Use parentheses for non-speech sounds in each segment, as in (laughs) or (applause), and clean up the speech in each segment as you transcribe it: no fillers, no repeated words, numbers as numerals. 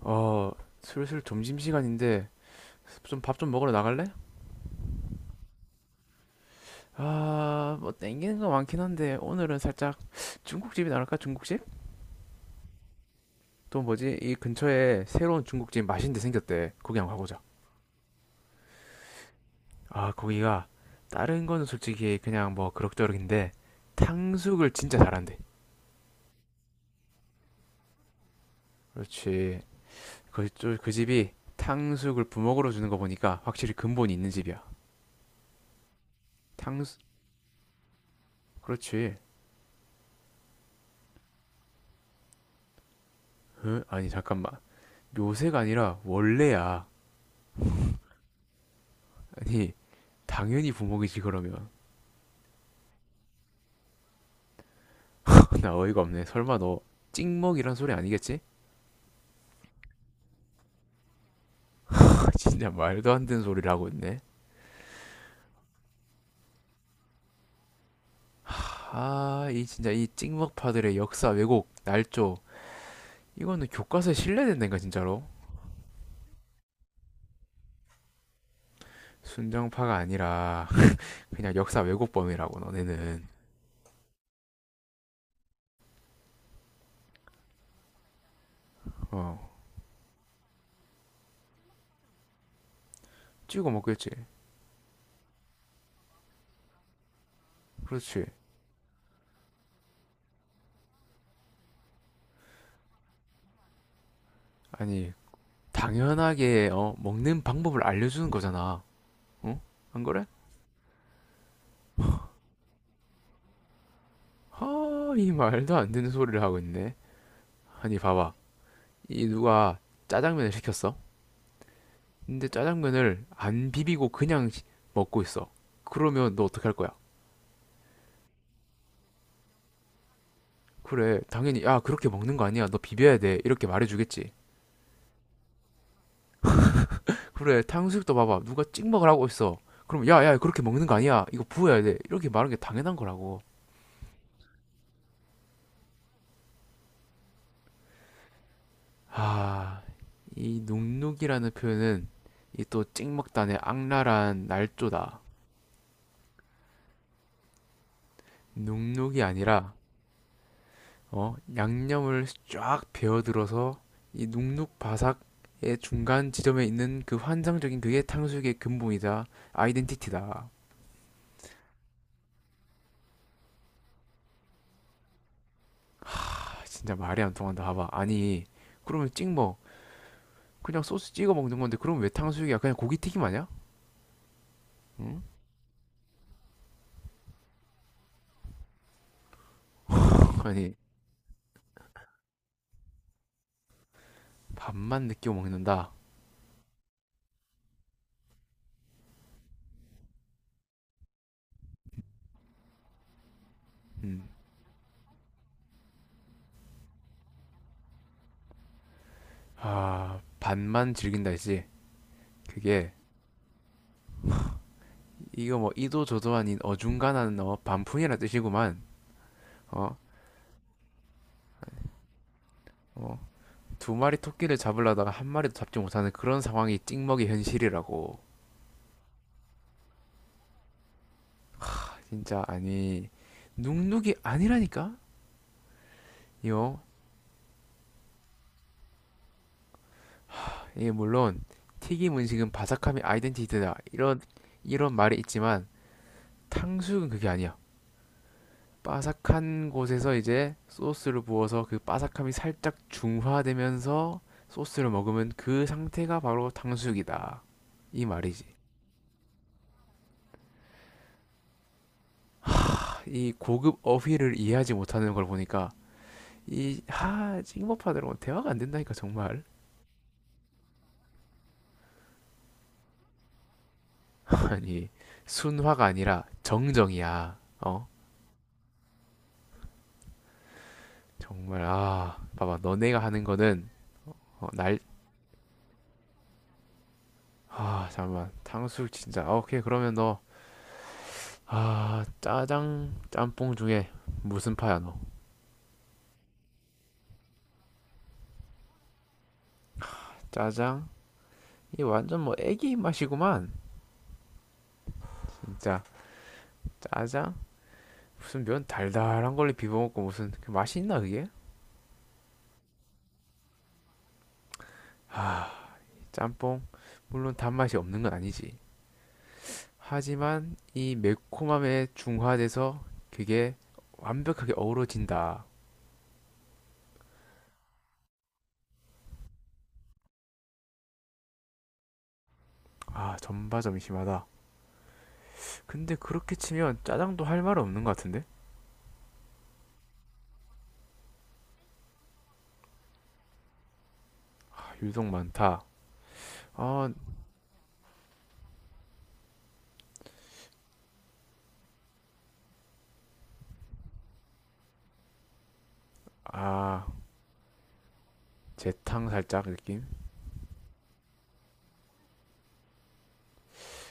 어, 슬슬 점심시간인데 좀 밥 좀 먹으러 나갈래? 아, 뭐 땡기는 거 많긴 한데 오늘은 살짝 중국집이 나갈까? 중국집? 또 뭐지? 이 근처에 새로운 중국집 맛있는 데 생겼대. 거기 한번 가보자. 아, 거기가 다른 거는 솔직히 그냥 뭐 그럭저럭인데 탕수육을 진짜 잘한대. 그렇지. 그 집이 탕수육을 부먹으로 주는 거 보니까 확실히 근본이 있는 집이야. 탕수, 그렇지. 어? 아니, 잠깐만. 요새가 아니라 원래야. 아니, 당연히 부먹이지 그러면. (laughs) 나 어이가 없네. 설마 너 찍먹이란 소리 아니겠지? (laughs) 진짜 말도 안 되는 소리를 하고 있네. 이 진짜 이 찍먹파들의 역사 왜곡 날조, 이거는 교과서에 실려된다니까 진짜로. 순정파가 아니라 그냥 역사 왜곡범이라고 너네는. 어, 찍어 먹겠지. 그렇지. 아니, 당연하게 먹는 방법을 알려주는 거잖아. 어? 안 그래? 하이 말도 안 되는 소리를 하고 있네. 아니, 봐봐. 이 누가 짜장면을 시켰어? 근데 짜장면을 안 비비고 먹고 있어. 그러면 너 어떻게 할 거야? 그래, 당연히, 야, 그렇게 먹는 거 아니야. 너 비벼야 돼. 이렇게 말해주겠지. 그래, 탕수육도 봐봐. 누가 찍먹을 하고 있어. 그럼, 야, 야, 그렇게 먹는 거 아니야. 이거 부어야 돼. 이렇게 말하는 게 당연한 거라고. 아, 이 눅눅이라는 표현은 이 또 찍먹단의 악랄한 날조다. 눅눅이 아니라 어, 양념을 쫙 배어들어서 이 눅눅바삭의 중간 지점에 있는 그 환상적인 그게 탕수육의 근본이다. 아이덴티티다. 아, 진짜 말이 안 통한다. 봐봐. 아니, 그러면 찍먹. 그냥 소스 찍어 먹는 건데, 그럼 왜 탕수육이야? 그냥 고기 튀김 아니야? 응? 아니, 밥만 느끼고 먹는다. 음. 아, 반만 즐긴다 했지. 그게, 이거 뭐, 이도 저도 아닌 어중간한 어, 반푼이라 뜻이구만. 어, 어, 두 마리 토끼를 잡으려다가 한 마리도 잡지 못하는 그런 상황이 찍먹이 현실이라고. 진짜, 아니, 눅눅이 아니라니까? 이거 물론 튀김 음식은 바삭함이 아이덴티티다 이런, 이런 말이 있지만 탕수육은 그게 아니야. 바삭한 곳에서 이제 소스를 부어서 그 바삭함이 살짝 중화되면서 소스를 먹으면 그 상태가 바로 탕수육이다. 이 말이지. 이 고급 어휘를 이해하지 못하는 걸 보니까 이, 하, 찍먹파들하고 대화가 안 된다니까, 정말. (laughs) 아니, 순화가 아니라 정정이야. 어? 정말, 아, 봐봐. 너네가 하는 거는, 어, 날, 아, 잠깐만. 탕수육 진짜. 아, 오케이, 그러면 너, 아, 짜장, 짬뽕 중에 무슨 파야, 너? 짜장? 이 완전 뭐 애기 입맛이구만. 진짜. 짜장? 무슨 면 달달한 걸로 비벼먹고 무슨 그 맛이 있나, 그게? 짬뽕? 물론 단맛이 없는 건 아니지. 하지만 이 매콤함에 중화돼서 그게 완벽하게 어우러진다. 아, 전바점이 심하다. 근데 그렇게 치면 짜장도 할 말 없는 것 같은데? 아, 유독 많다. 어, 아, 재탕 살짝 느낌?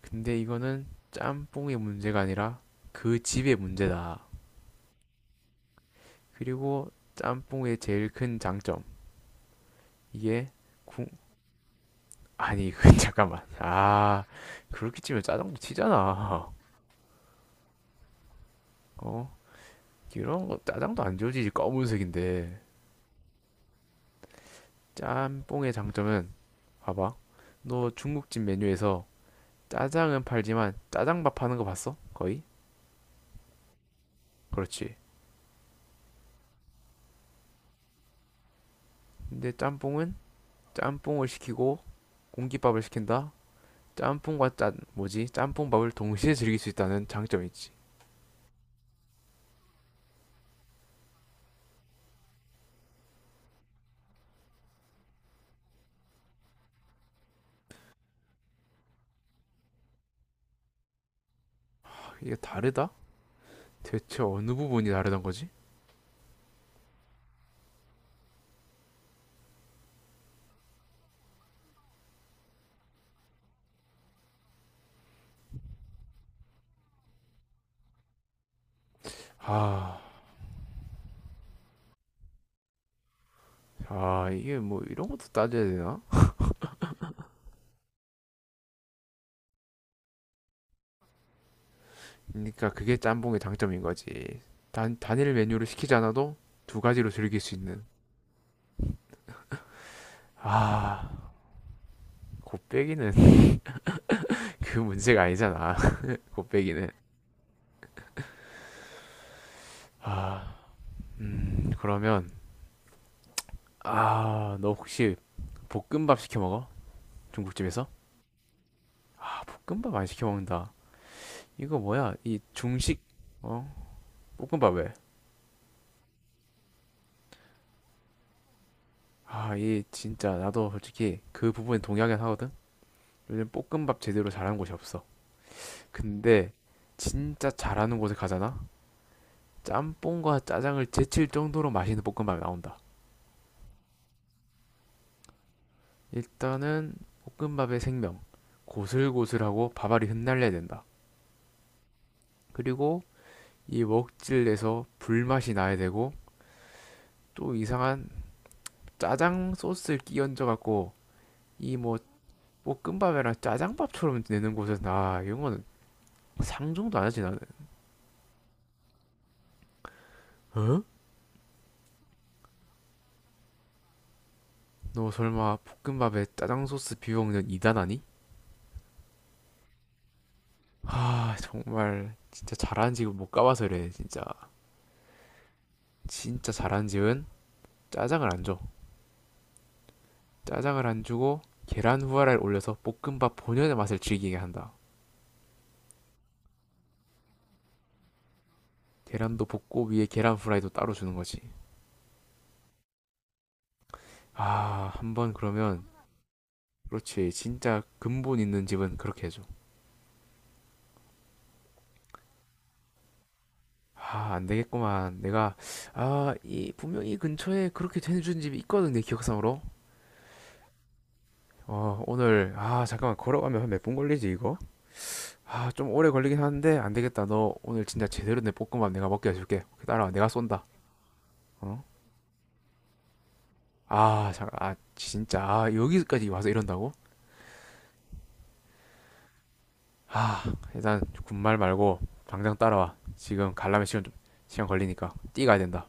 근데 이거는 짬뽕의 문제가 아니라 그 집의 문제다. 그리고 짬뽕의 제일 큰 장점. 이게 궁, 아니, (laughs) 그, 잠깐만. 아, 그렇게 치면 짜장도 치잖아. 어? 이런 거 짜장도 안 지워지지 검은색인데. 짬뽕의 장점은, 봐봐, 너 중국집 메뉴에서 짜장은 팔지만 짜장밥 하는 거 봤어? 거의? 그렇지. 근데 짬뽕은 짬뽕을 시키고 공깃밥을 시킨다. 짬뽕과 짠 뭐지 짬뽕밥을 동시에 즐길 수 있다는 장점이 있지. 아, 이게 다르다? 대체 어느 부분이 다르단 거지? 아, 아, 이게 뭐 이런 것도 따져야 되나? 그러니까 그게 짬뽕의 장점인 거지. 단, 단일 메뉴를 시키지 않아도 두 가지로 즐길 수 있는. 아, 곱빼기는 (laughs) 그 문제가 아니잖아. (laughs) 곱빼기는. 아, 그러면, 아, 너 혹시 볶음밥 시켜 먹어? 중국집에서? 볶음밥 안 시켜 먹는다. 이거 뭐야? 이 중식, 어? 볶음밥 왜? 아, 이 진짜 나도 솔직히 그 부분에 동의하긴 하거든? 요즘 볶음밥 제대로 잘하는 곳이 없어. 근데 진짜 잘하는 곳에 가잖아? 짬뽕과 짜장을 제칠 정도로 맛있는 볶음밥이 나온다. 일단은 볶음밥의 생명, 고슬고슬하고 밥알이 흩날려야 된다. 그리고 이 먹질에서 불맛이 나야 되고, 또 이상한 짜장 소스를 끼얹어 갖고 이 뭐 볶음밥이랑 짜장밥처럼 내는 곳에서, 나 이런 거는 상종도 안 하지 나는. 어? 너 설마 볶음밥에 짜장 소스 비벼 먹는 이단 아니? 하, 정말 진짜 잘한 집을 못 가봐서 그래, 진짜. 진짜 잘한 집은 짜장을 안 줘. 짜장을 안 주고 계란 후라이를 올려서 볶음밥 본연의 맛을 즐기게 한다. 계란도 볶고 위에 계란 후라이도 따로 주는 거지. 아, 한번 그러면. 그렇지. 진짜 근본 있는 집은 그렇게 해줘. 아, 안 되겠구만. 내가, 아, 이 분명히 근처에 그렇게 해주는 집이 있거든, 내 기억상으로. 어, 오늘, 아, 잠깐만, 걸어가면 한 몇 분 걸리지 이거? 아, 좀 오래 걸리긴 하는데 안 되겠다. 너 오늘 진짜 제대로 내 볶음밥 내가 먹게 해줄게. 따라와. 내가 쏜다. 어? 아, 잠깐, 아, 진짜, 아, 여기까지 와서 이런다고? 아, 일단 군말 말고 당장 따라와. 지금 갈라면 시간 걸리니까 뛰어가야 된다.